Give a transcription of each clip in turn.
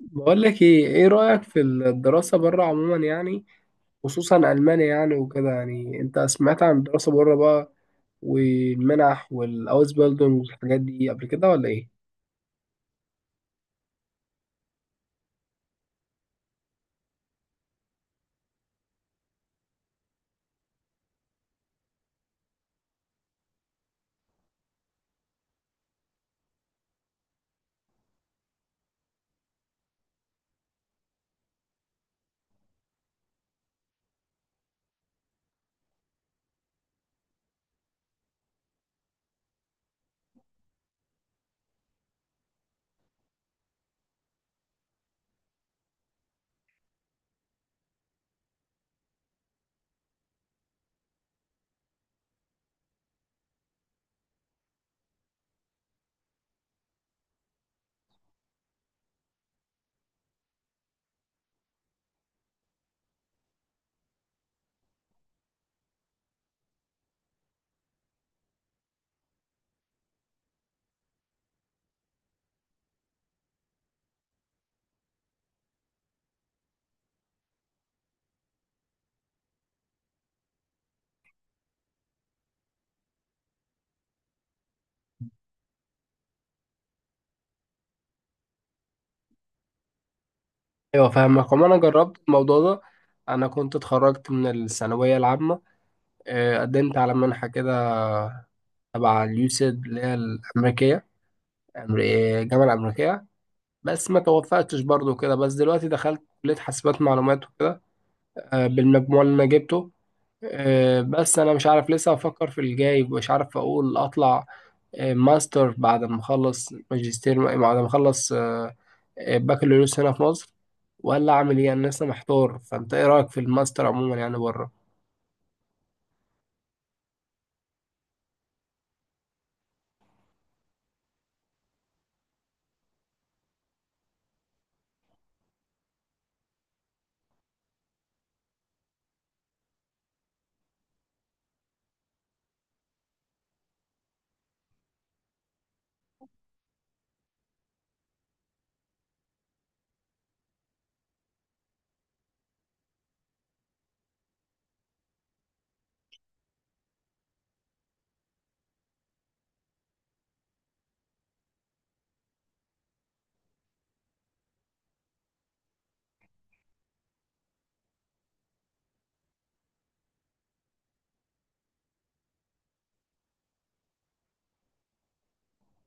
بقول لك ايه رأيك في الدراسة بره عموما يعني، خصوصا ألمانيا يعني وكده. يعني انت سمعت عن الدراسة بره بقى والمنح والاوزبيلدونج والحاجات دي قبل كده ولا ايه؟ ايوه فاهمك. وما انا جربت الموضوع ده. انا كنت اتخرجت من الثانوية العامة، قدمت على منحة كده تبع اليوسيد اللي هي الأمريكية. الجامعة الأمريكية، بس ما توفقتش برضو كده. بس دلوقتي دخلت كلية حاسبات معلومات وكده، بالمجموع اللي انا جبته. بس انا مش عارف، لسه افكر في الجاي. مش عارف اقول اطلع ماستر بعد ما اخلص، ماجستير بعد ما اخلص بكالوريوس هنا في مصر، ولا اعمل ايه. انا لسه محتار. فانت ايه رايك في الماستر عموما يعني بره؟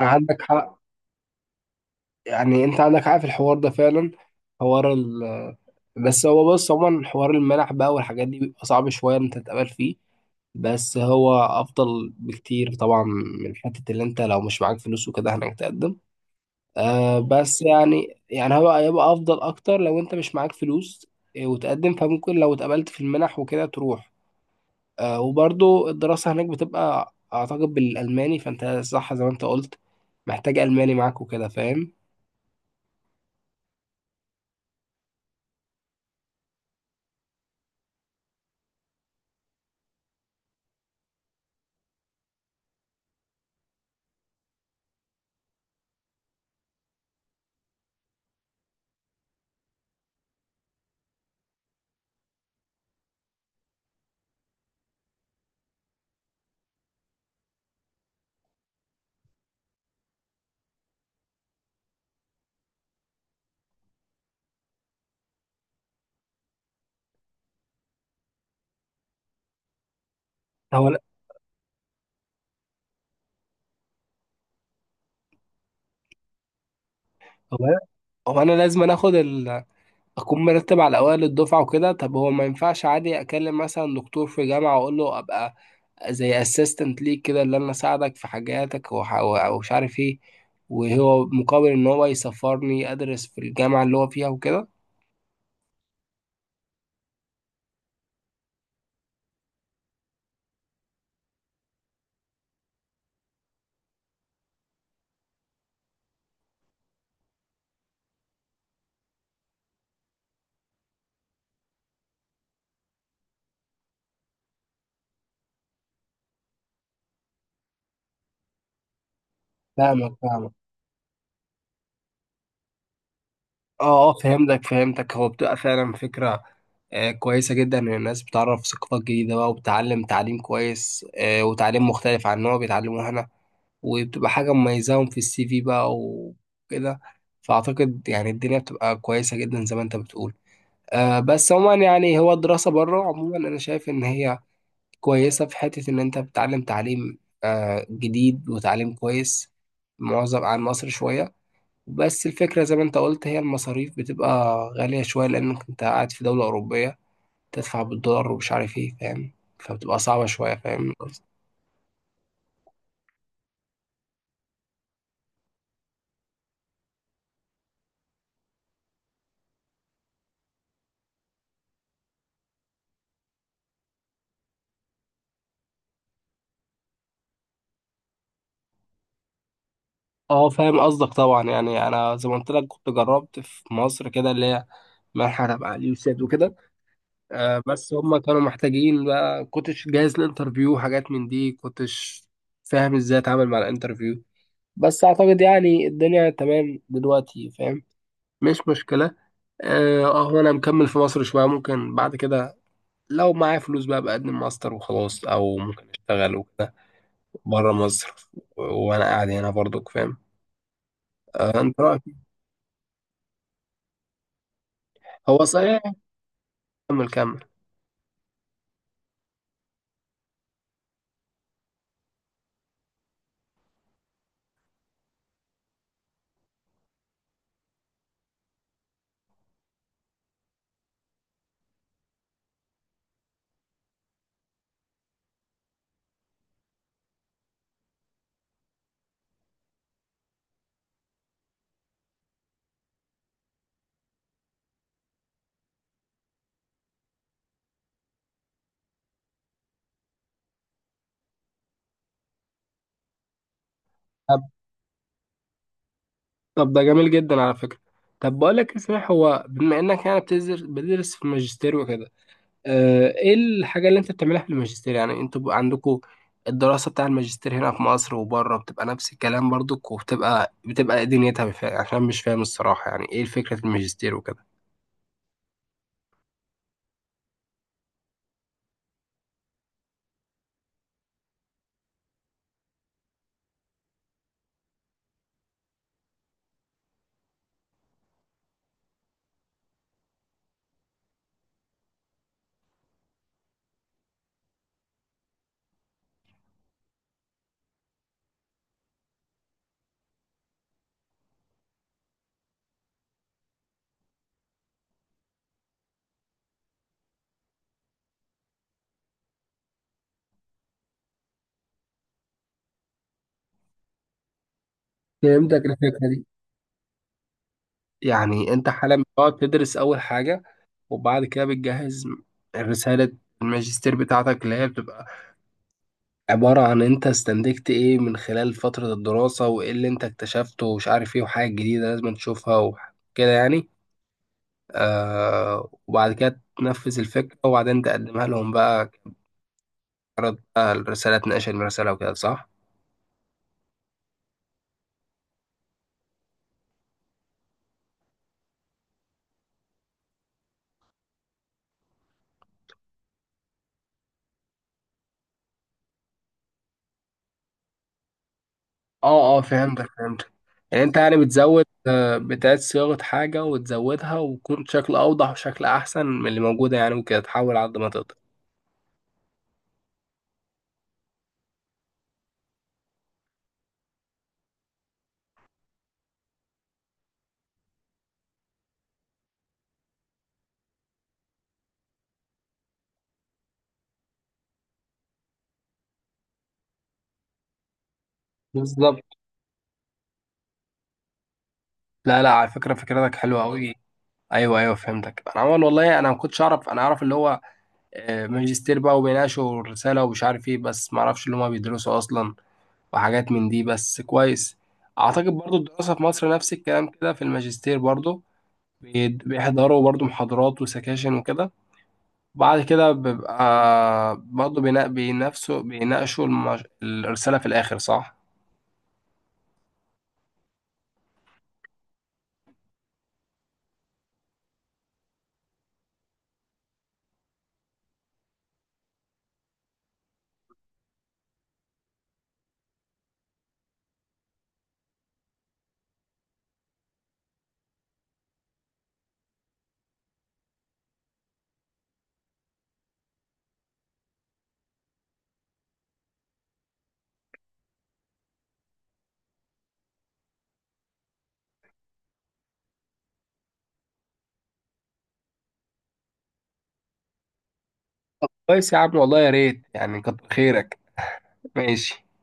عندك حق. يعني انت عندك، عارف الحوار ده فعلا، حوار ال... بس هو بص، عموما حوار المنح بقى والحاجات دي بيبقى صعب شوية إن انت تتقبل فيه، بس هو افضل بكتير طبعا من حتة اللي انت لو مش معاك فلوس وكده هناك تقدم. آه بس يعني هو هيبقى افضل اكتر لو انت مش معاك فلوس وتقدم. فممكن لو اتقبلت في المنح وكده تروح. آه وبرضو الدراسة هناك بتبقى اعتقد بالالماني، فانت صح زي ما انت قلت، محتاج الماني معاك وكده، فاهم. هو هو هو انا لازم أنا اخد ال... اكون مرتب على اوائل الدفعه وكده. طب هو ما ينفعش عادي اكلم مثلا دكتور في جامعه واقول له ابقى زي اسيستنت ليك كده، اللي انا اساعدك في حاجاتك وح... ومش عارف ايه، وهو مقابل ان هو يسفرني ادرس في الجامعه اللي هو فيها وكده؟ فاهمك. اه اه فهمتك. هو بتبقى فعلا فكره كويسه جدا، ان الناس بتعرف ثقافات جديده بقى وبتعلم تعليم كويس وتعليم مختلف عن اللي هو بيتعلموه هنا، وبتبقى حاجة مميزاهم في السي في بقى وكده. فأعتقد يعني الدنيا بتبقى كويسة جدا زي ما أنت بتقول. أه بس عموما يعني هو الدراسة بره عموما أنا شايف إن هي كويسة في حتة إن أنت بتتعلم تعليم أه جديد وتعليم كويس معظم عن مصر شوية. بس الفكرة زي ما أنت قلت، هي المصاريف بتبقى غالية شوية، لأنك أنت قاعد في دولة أوروبية، تدفع بالدولار ومش عارف إيه، فاهم؟ فبتبقى صعبة شوية، فاهم. اه فاهم قصدك طبعا. يعني انا زي ما قلت لك كنت جربت في مصر كده، اللي هي مرحله علي وسيد وكده، آه بس هم كانوا محتاجين بقى، كنتش جاهز للانترفيو، حاجات من دي. كنتش فاهم ازاي اتعامل مع الانترفيو. بس اعتقد يعني الدنيا تمام دلوقتي، فاهم، مش مشكله. اه هو انا مكمل في مصر شويه. ممكن بعد كده لو معايا فلوس بقى بقدم ماستر وخلاص، او ممكن اشتغل وكده بره مصر، وانا قاعد هنا برضك، فاهم. آه انت رايك إيه؟ هو صحيح. كمل كمل. طب طب ده جميل جدا على فكرة. طب بقول لك إيه صحيح، هو بما انك يعني بتدرس في الماجستير وكده، ايه الحاجة اللي انت بتعملها في الماجستير؟ يعني انتوا بقى عندكوا الدراسة بتاع الماجستير هنا في مصر وبره بتبقى نفس الكلام برضك، وبتبقى بتبقى إيه دنيتها؟ بف- عشان مش فاهم الصراحة يعني ايه فكرة الماجستير وكده. فهمتك الفكرة دي. يعني انت حاليا بتقعد تدرس اول حاجة، وبعد كده بتجهز رسالة الماجستير بتاعتك، اللي هي بتبقى عبارة عن انت استنتجت ايه من خلال فترة الدراسة، وايه اللي انت اكتشفته ومش عارف ايه، وحاجة جديدة لازم تشوفها وكده يعني. آه وبعد كده تنفذ الفكرة وبعدين تقدمها لهم بقى كعرض بقى الرسالة، تناقش الرسالة وكده، صح؟ اه اه فهمتك. يعني انت بتزود بتعيد صياغة حاجة وتزودها وتكون شكل أوضح وشكل أحسن من اللي موجودة يعني وكده، تحاول على قد ما تقدر. بالظبط. لا لا على فكرة فكرتك حلوة أوي. أيوه أيوه فهمتك. أنا عمال والله أنا ما كنتش أعرف. أنا أعرف اللي هو ماجستير بقى وبيناقشوا الرسالة ومش عارف ايه، بس معرفش اللي هما بيدرسوا أصلا وحاجات من دي، بس كويس. أعتقد برضو الدراسة في مصر نفس الكلام كده في الماجستير برضو، بيحضروا برضو محاضرات وسكاشن وكده، وبعد كده بيبقى برضو بينافسوا بيناقشوا المج... الرسالة في الآخر، صح؟ كويس يا عم والله، يا ريت يعني، كتر خيرك. ماشي.